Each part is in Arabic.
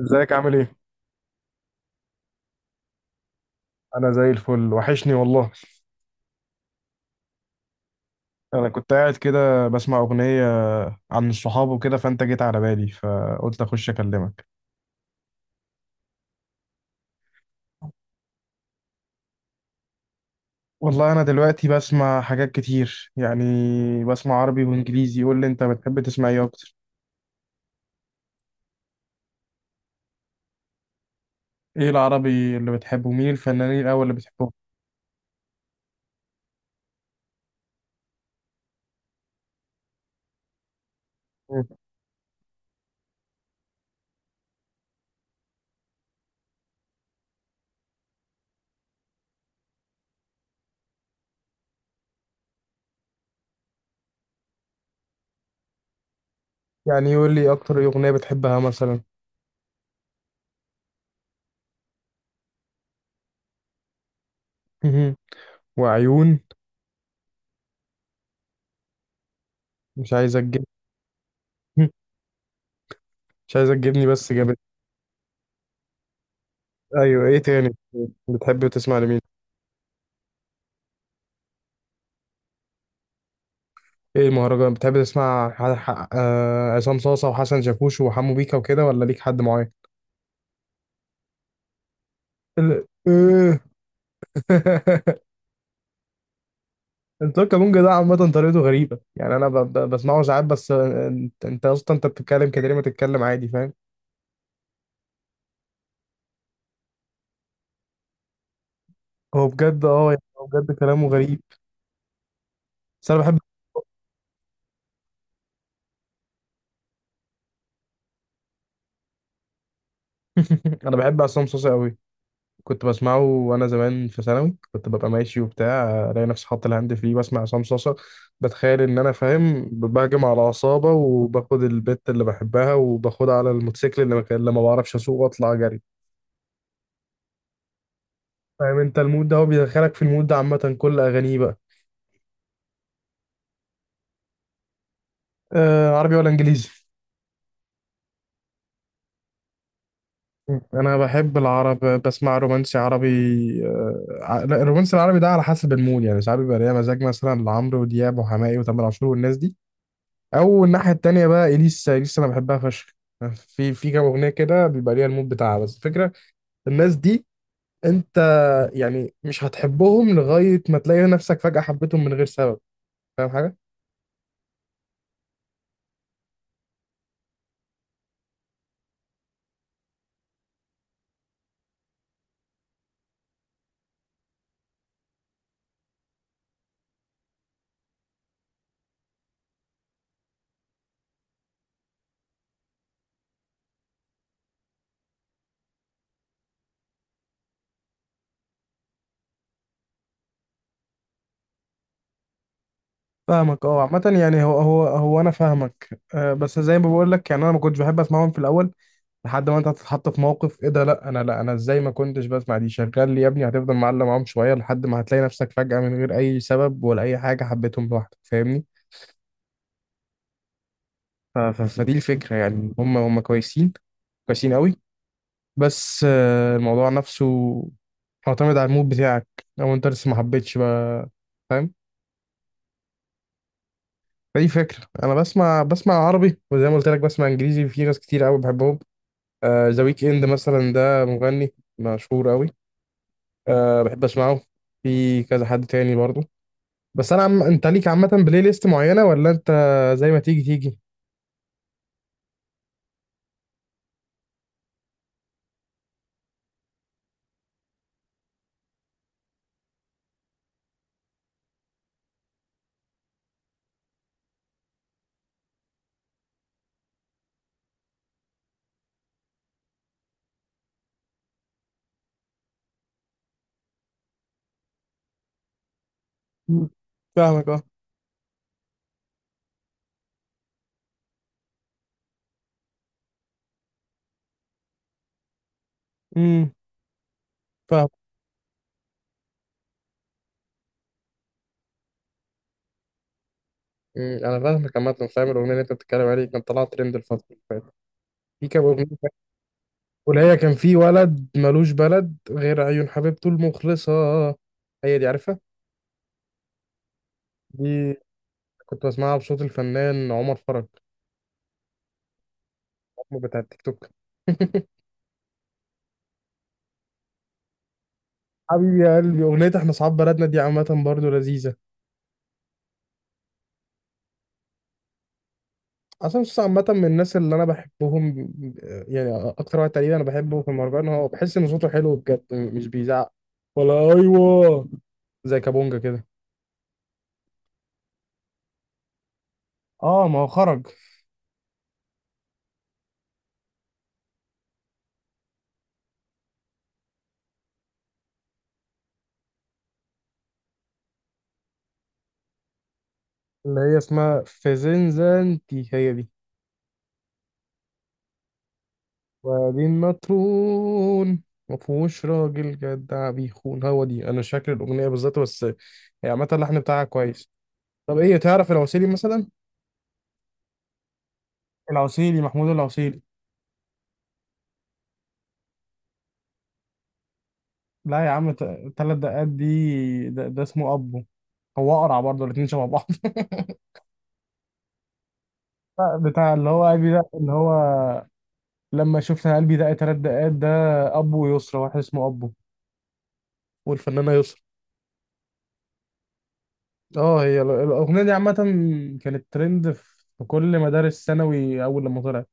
ازيك عامل ايه؟ انا زي الفل، وحشني والله. انا كنت قاعد كده بسمع اغنية عن الصحاب وكده، فانت جيت على بالي فقلت اخش اكلمك. والله انا دلوقتي بسمع حاجات كتير، يعني بسمع عربي وانجليزي. قول لي انت بتحب تسمع ايه اكتر؟ ايه العربي اللي بتحبه؟ مين الفنانين الاول اللي بتحبهم؟ مم. يعني قول لي، اكتر ايه اغنية بتحبها مثلا؟ مهم. وعيون مش عايزة تجيب. مش عايزة تجيبني، بس جابت. ايوه، ايه تاني بتحب تسمع لمين؟ ايه مهرجان بتحب تسمع، عصام صاصة وحسن شاكوش وحمو بيكا وكده، ولا ليك حد معين؟ إيه. انطباق كابونجا ده عامة طريقته غريبة، يعني انا بسمعه ساعات بس. انت اصلا انت بتتكلم كده ليه، ما تتكلم عادي؟ فاهم؟ هو بجد، يعني هو بجد كلامه غريب. بس انا بحب. انا بحب عصام صاصة قوي. كنت بسمعه وانا زمان في ثانوي، كنت ببقى ماشي وبتاع الاقي نفسي حاطط الهاند فري بسمع عصام صاصا. بتخيل ان انا فاهم، بهجم على عصابه وباخد البت اللي بحبها وباخدها على الموتوسيكل اللي ما كان- اللي ما بعرفش اسوق، واطلع جري. فاهم انت المود ده؟ هو بيدخلك في المود ده، عامه كل اغانيه بقى. آه، عربي ولا انجليزي؟ انا بحب العرب، بسمع رومانسي عربي. لا، الرومانسي العربي ده على حسب المود، يعني ساعات بيبقى ليا مزاج مثلا لعمرو ودياب وحماقي وتامر عاشور والناس دي، او الناحيه التانيه بقى اليسا. انا بحبها فشخ. في كام اغنيه كده بيبقى ليها المود بتاعها، بس الفكره الناس دي، انت يعني مش هتحبهم لغايه ما تلاقي نفسك فجاه حبيتهم من غير سبب. فاهم حاجه؟ فاهمك اه، عامه يعني هو انا فاهمك. أه بس زي ما بقول لك، يعني انا ما كنتش بحب اسمعهم في الاول لحد ما انت هتتحط في موقف، ايه ده، لا انا ازاي ما كنتش بسمع دي، شغال لي يا ابني، هتفضل معلم معاهم شويه لحد ما هتلاقي نفسك فجاه من غير اي سبب ولا اي حاجه حبيتهم لوحدك. فاهمني؟ فدي الفكرة، يعني هم كويسين، كويسين قوي. بس، الموضوع نفسه معتمد على المود بتاعك، لو انت لسه ما حبيتش بقى. فاهم؟ فدي فكرة. انا بسمع عربي، وزي ما قلت لك بسمع انجليزي. في ناس كتير قوي بحبهم. ذا ويك اند مثلا ده مغني مشهور قوي، آه بحب اسمعه. في كذا حد تاني برضه. بس انا انت ليك عامة بلاي ليست معينة، ولا انت زي ما تيجي تيجي؟ مم. فاهمك اه. امم. انا فاهمك، عامه فاهم الاغنيه اللي انت بتتكلم عليها، كانت طالعه ترند الفتره اللي فاتت. في كام اغنيه، واللي هي كان في ولد ملوش بلد غير عيون حبيبته المخلصه، هي دي عارفها؟ دي كنت بسمعها بصوت الفنان عمر فرج، عمر بتاع التيك توك. حبيبي يا قلبي، اغنيه احنا اصحاب بلدنا دي عامه برضو لذيذه. عصام صاصا عامه من الناس اللي انا بحبهم، يعني اكتر واحد تقريبا انا بحبه في المهرجان، هو بحس ان صوته حلو بجد مش بيزعق، ولا ايوه؟ زي كابونجا كده. اه، ما هو خرج. اللي هي اسمها فازنزانتي، هي دي. وبعدين مطرون، مفهوش راجل جدع بيخون، هو دي انا مش فاكر الاغنيه بالظبط، بس هي عامه اللحن بتاعها كويس. طب ايه، تعرف العسيلي مثلا؟ العسيلي، محمود العسيلي. لا يا عم، تلات دقات دي، ده اسمه ابو. هو اقرع برضه، الاتنين شبه بعض. لا، بتاع اللي هو قلبي، ده اللي هو لما شفت قلبي دق تلات دقات ده، ابو يسرا، واحد اسمه ابو والفنانه يسرا. اه، هي الاغنيه دي عامه كانت ترند في كل مدارس ثانوي اول لما طلعت،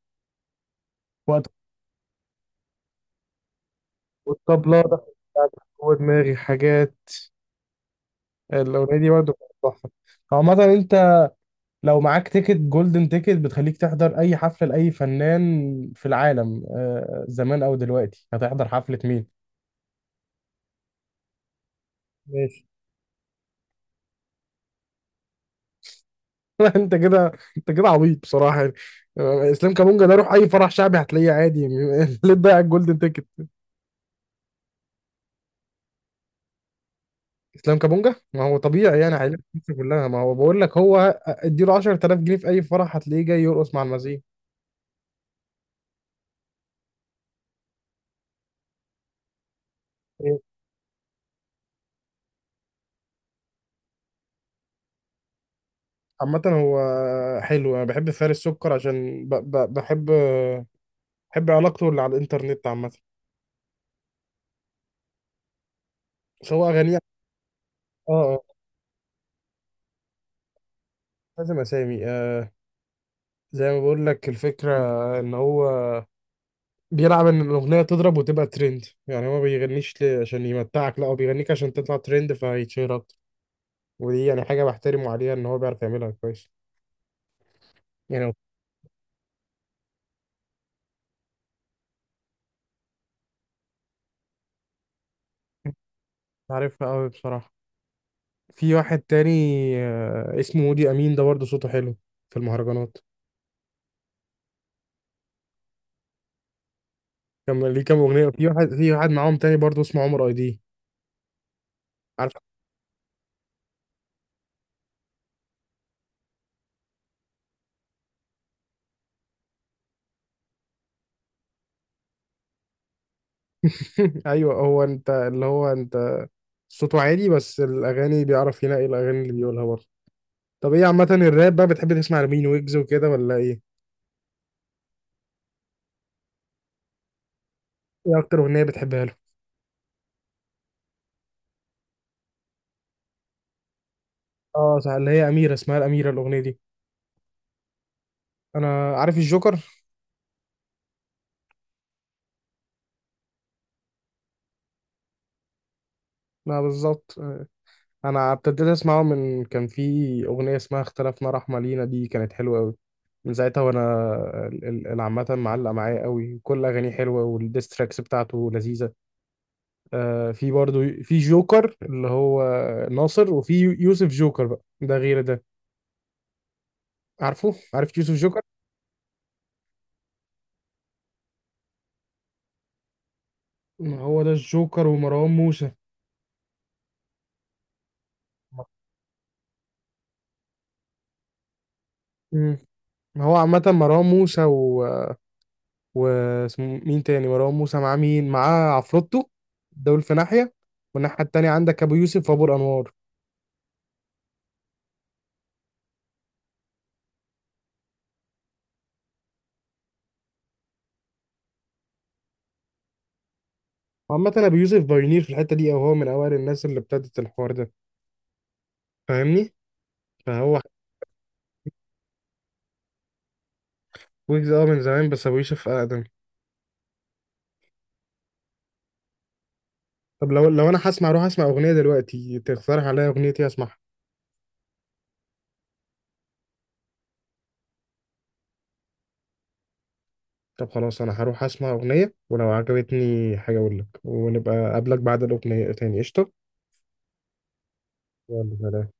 وقت والطبله دخلت جوه دماغي حاجات، الاغنيه دي برضه كانت تحفه. عامه، انت لو معاك تيكت جولدن تيكت بتخليك تحضر اي حفله لاي فنان في العالم، زمان او دلوقتي، هتحضر حفله مين؟ ماشي. انت كده انت كده عبيط بصراحه، يعني. اسلام كابونجا ده، روح اي فرح شعبي هتلاقيه عادي. ليه تضيع الجولدن تيكت؟ اسلام كابونجا ما هو طبيعي، يعني عائلته في مصر كلها. ما هو بقول لك هو، اديله 10,000 جنيه في اي فرح هتلاقيه جاي يرقص مع المزيكا. إيه. عامة هو حلو. انا بحب فارس سكر عشان بحب، بحب علاقته اللي على الانترنت عامة. بس هو اغانيه، يعني، اه آه، لازم اسامي. زي ما بقول لك الفكرة، ان هو بيلعب ان الاغنية تضرب وتبقى ترند، يعني هو ما بيغنيش عشان يمتعك، لا هو بيغنيك عشان تطلع ترند فيتشهر اكتر. ودي يعني حاجة بحترمه عليها، ان هو بيعرف يعملها كويس، يعني. عارفها قوي بصراحة. في واحد تاني، اسمه ودي أمين، ده برضه صوته حلو في المهرجانات. كان ليه كام أغنية. في واحد معاهم تاني برضه اسمه عمر أي دي. عارف. أيوه، هو أنت، اللي هو أنت صوته عالي، بس الأغاني بيعرف ينقي الأغاني اللي بيقولها برضه. طب إيه، عامة الراب بقى بتحب تسمع لمين، ويجز وكده ولا إيه؟ إيه أكتر أغنية بتحبها له؟ آه صح، اللي هي أميرة، اسمها الأميرة، الأغنية دي. أنا عارف الجوكر؟ لا، بالظبط. انا ابتديت اسمعه من كان في اغنيه اسمها اختلفنا رحمه لينا، دي كانت حلوه قوي. من ساعتها وانا عامه معلق معايا قوي، كل اغانيه حلوه والديستراكس بتاعته لذيذه. آه، في برضو في جوكر اللي هو ناصر، وفي يوسف جوكر بقى، ده غير ده. عارف يوسف جوكر؟ هو ده الجوكر، ومروان موسى. مم. هو عامة مروان موسى، واسمه مين تاني، مروان موسى معاه مين، عفروتو. دول في ناحية، والناحية التانية عندك أبو يوسف وأبو الأنوار. عامة أبو يوسف بايونير في الحتة دي، أو هو من أوائل الناس اللي ابتدت الحوار ده، فاهمني؟ فهو، ويجز من زمان، بس أبو يوسف أقدم. طب لو أنا هسمع، أروح أسمع أغنية دلوقتي، تقترح عليا أغنية إيه أسمعها؟ طب خلاص، أنا هروح أسمع أغنية، ولو عجبتني حاجة أقول لك ونبقى أقابلك بعد الأغنية تاني. قشطة. يلا، سلام.